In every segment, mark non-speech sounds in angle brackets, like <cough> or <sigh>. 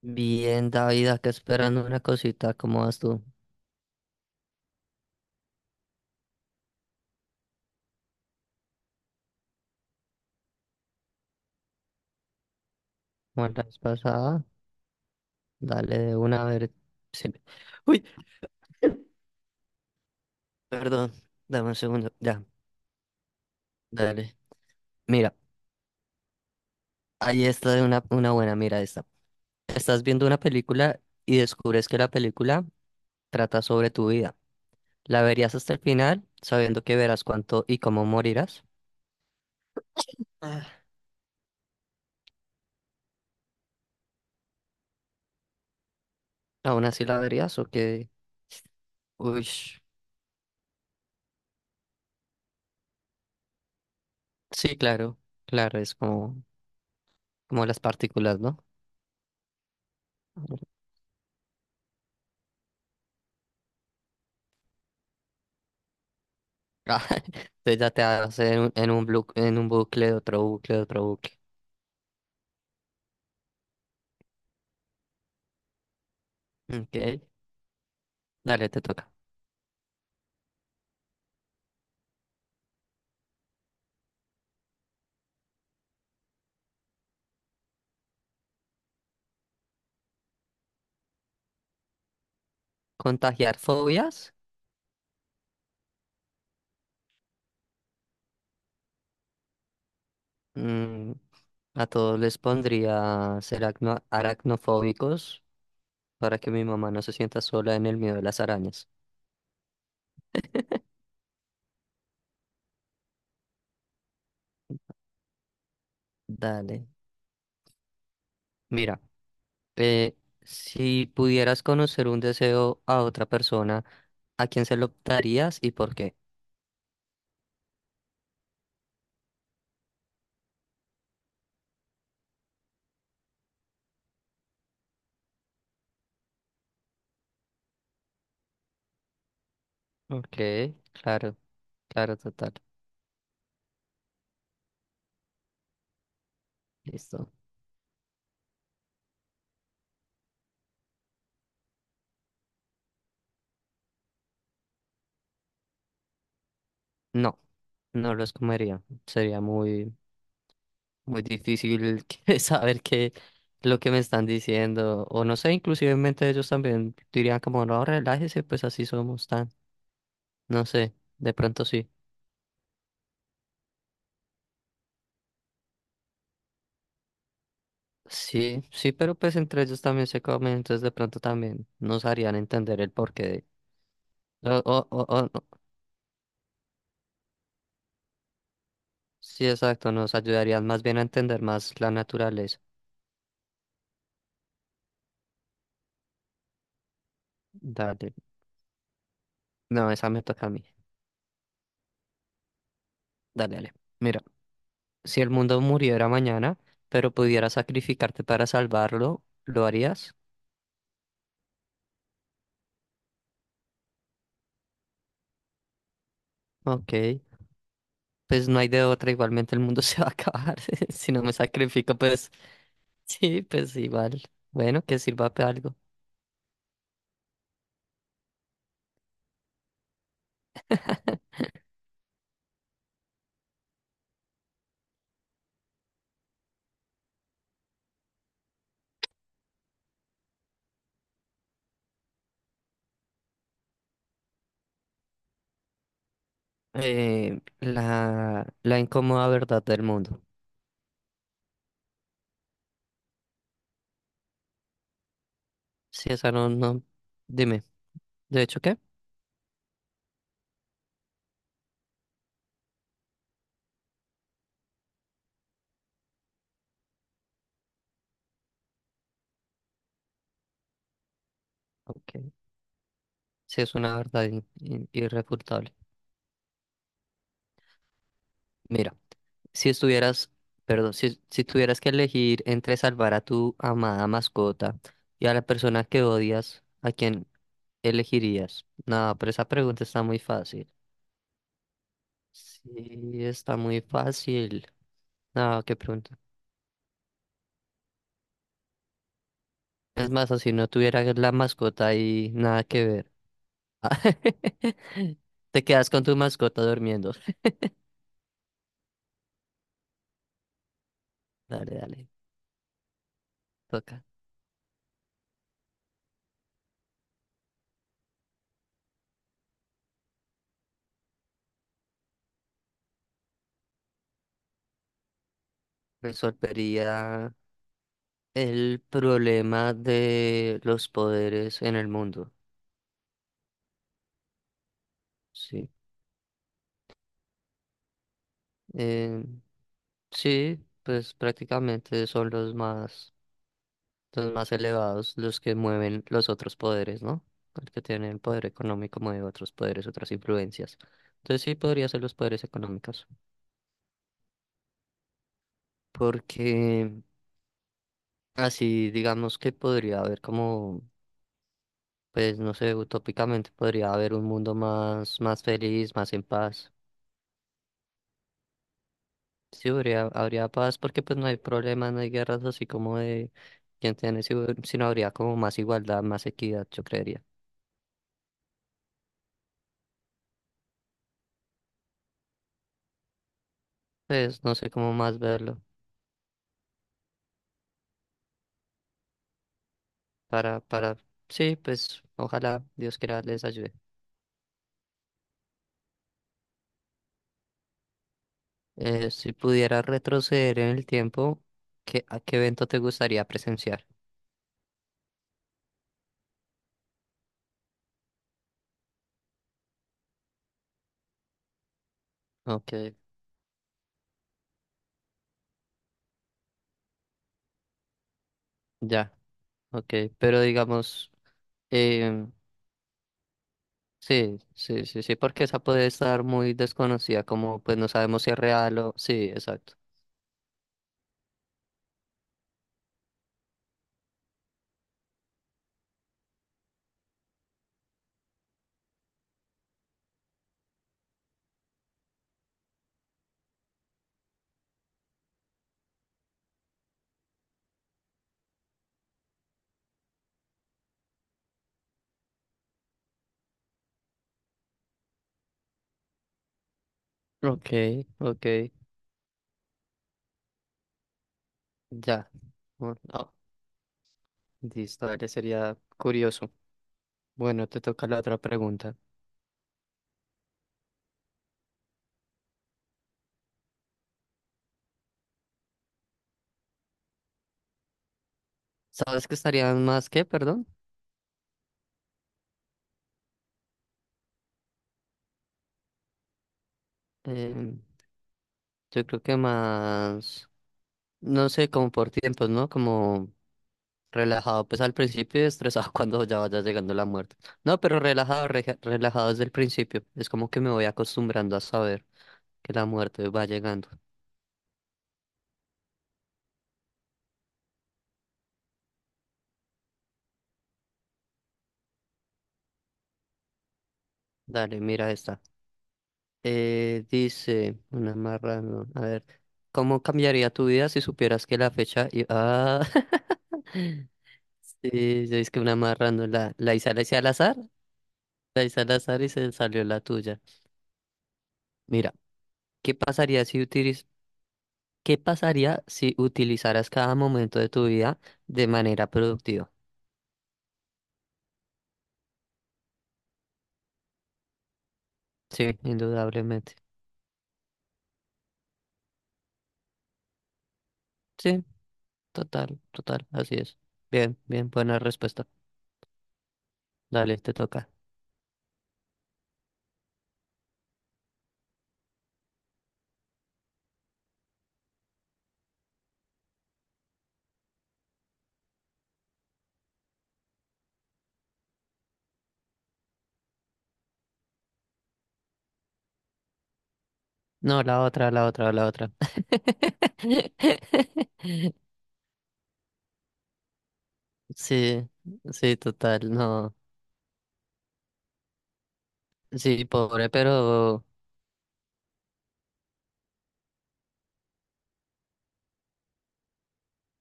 Bien, David, acá esperando una cosita. ¿Cómo vas tú? Como la vez pasada, dale de una a ver. si- Uy, perdón, dame un segundo. Ya, dale. Mira, ahí está de una buena. Mira esta. Estás viendo una película y descubres que la película trata sobre tu vida. ¿La verías hasta el final, sabiendo que verás cuánto y cómo morirás? Ah. ¿Aún así la verías o qué? Uy, sí, claro, claro, es como las partículas, ¿no? Ah, <laughs> entonces ya te vas en un bucle, otro bucle, otro bucle. Ok, dale, te toca. ¿Contagiar fobias? Mm, a todos les pondría ser aracnofóbicos para que mi mamá no se sienta sola en el miedo de las arañas. Dale. Mira, eh, si pudieras conocer un deseo a otra persona, ¿a quién se lo darías y por qué? Ok, claro, claro, total. Listo. No, no los comería. Sería muy difícil <laughs> saber qué lo que me están diciendo. O no sé, inclusivemente ellos también dirían como, no, relájese, pues así somos tan. No sé, de pronto sí. Sí, sí, pero pues entre ellos también se comen, entonces de pronto también nos harían entender el porqué de... No. Sí, exacto, nos ayudarían más bien a entender más la naturaleza. Dale. No, esa me toca a mí. Dale, dale. Mira, si el mundo muriera mañana, pero pudieras sacrificarte para salvarlo, ¿lo harías? Ok. Pues no hay de otra, igualmente el mundo <laughs> se va a acabar. <laughs> Si no me sacrifico, pues sí, pues igual. Bueno, que sirva para algo. La incómoda verdad del mundo. Si esa no, no, dime, ¿de hecho qué? Ok. Si es una verdad irrefutable. Mira, si estuvieras, perdón, si tuvieras que elegir entre salvar a tu amada mascota y a la persona que odias, ¿a quién elegirías? No, pero esa pregunta está muy fácil. Sí, está muy fácil. Nada, qué pregunta. Es más, o si no tuviera la mascota y nada que ver. <laughs> Te quedas con tu mascota durmiendo. Dale, dale, toca. Resolvería el problema de los poderes en el mundo. Sí. Eh, sí, pues prácticamente son los más elevados, los que mueven los otros poderes, ¿no? El que tiene el poder económico mueve otros poderes, otras influencias. Entonces sí podría ser los poderes económicos, porque así digamos que podría haber como, pues no sé, utópicamente podría haber un mundo más feliz, más en paz. Sí, habría paz porque pues no hay problemas, no hay guerras así como de quién tiene, sino habría como más igualdad, más equidad, yo creería. Pues no sé cómo más verlo. para, para, sí, pues ojalá Dios quiera les ayude. Si pudiera retroceder en el tiempo, ¿A qué evento te gustaría presenciar? Ok, ya, ok, pero digamos, em, sí, sí, sí, sí, porque esa puede estar muy desconocida, como pues no sabemos si es real o, sí, exacto. Ok, ok, ya, bueno, no, listo, a sería curioso. Bueno, te toca la otra pregunta. ¿Sabes que estarían más qué perdón? Eh, Yo creo que más, no sé, como por tiempos, ¿no? Como relajado, pues al principio y estresado <laughs> cuando ya vaya llegando la muerte. No, pero relajado, relajado desde el principio. Es como que me voy acostumbrando a saber que la muerte va llegando. Dale, mira esta. Dice, una marrano, a ver, ¿cómo cambiaría tu vida si supieras que la fecha... Ah, <laughs> sí, yo es que una marrano, la hice al azar, la hice al azar y se salió la tuya. Mira. ¿Qué pasaría si utilizaras cada momento de tu vida de manera productiva? Sí, indudablemente. Sí, total, total, así es. Bien, bien, buena respuesta. Dale, te toca. No, la otra, la otra, la otra. <laughs> Sí, sí, total, no. Sí, pobre, pero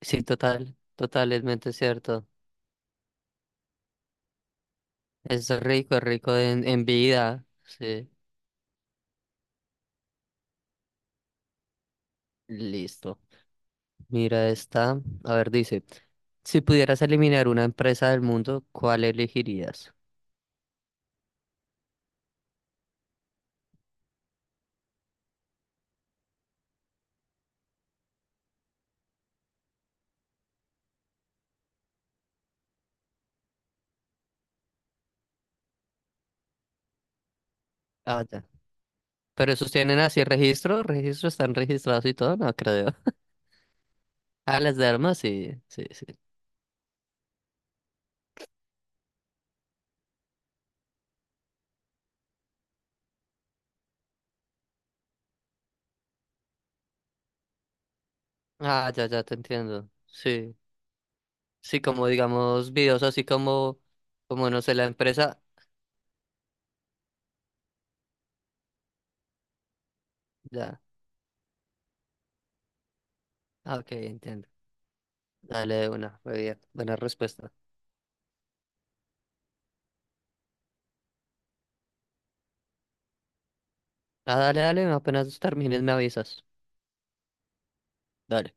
sí, total, totalmente cierto. Es rico en vida. Sí, listo. Mira esta. A ver, dice, si pudieras eliminar una empresa del mundo, ¿cuál elegirías? Ah, ya. Pero esos tienen así registro, registro, están registrados y todo, no creo. <laughs> Ah, las de armas, sí, sí, sí. Ah, ya, ya te entiendo. Sí, sí, como digamos videos así como no sé, la empresa, ya. Ah, ok, entiendo. Dale de una, muy bien. Buena respuesta. Ah, dale, dale, apenas termines me avisas. Dale.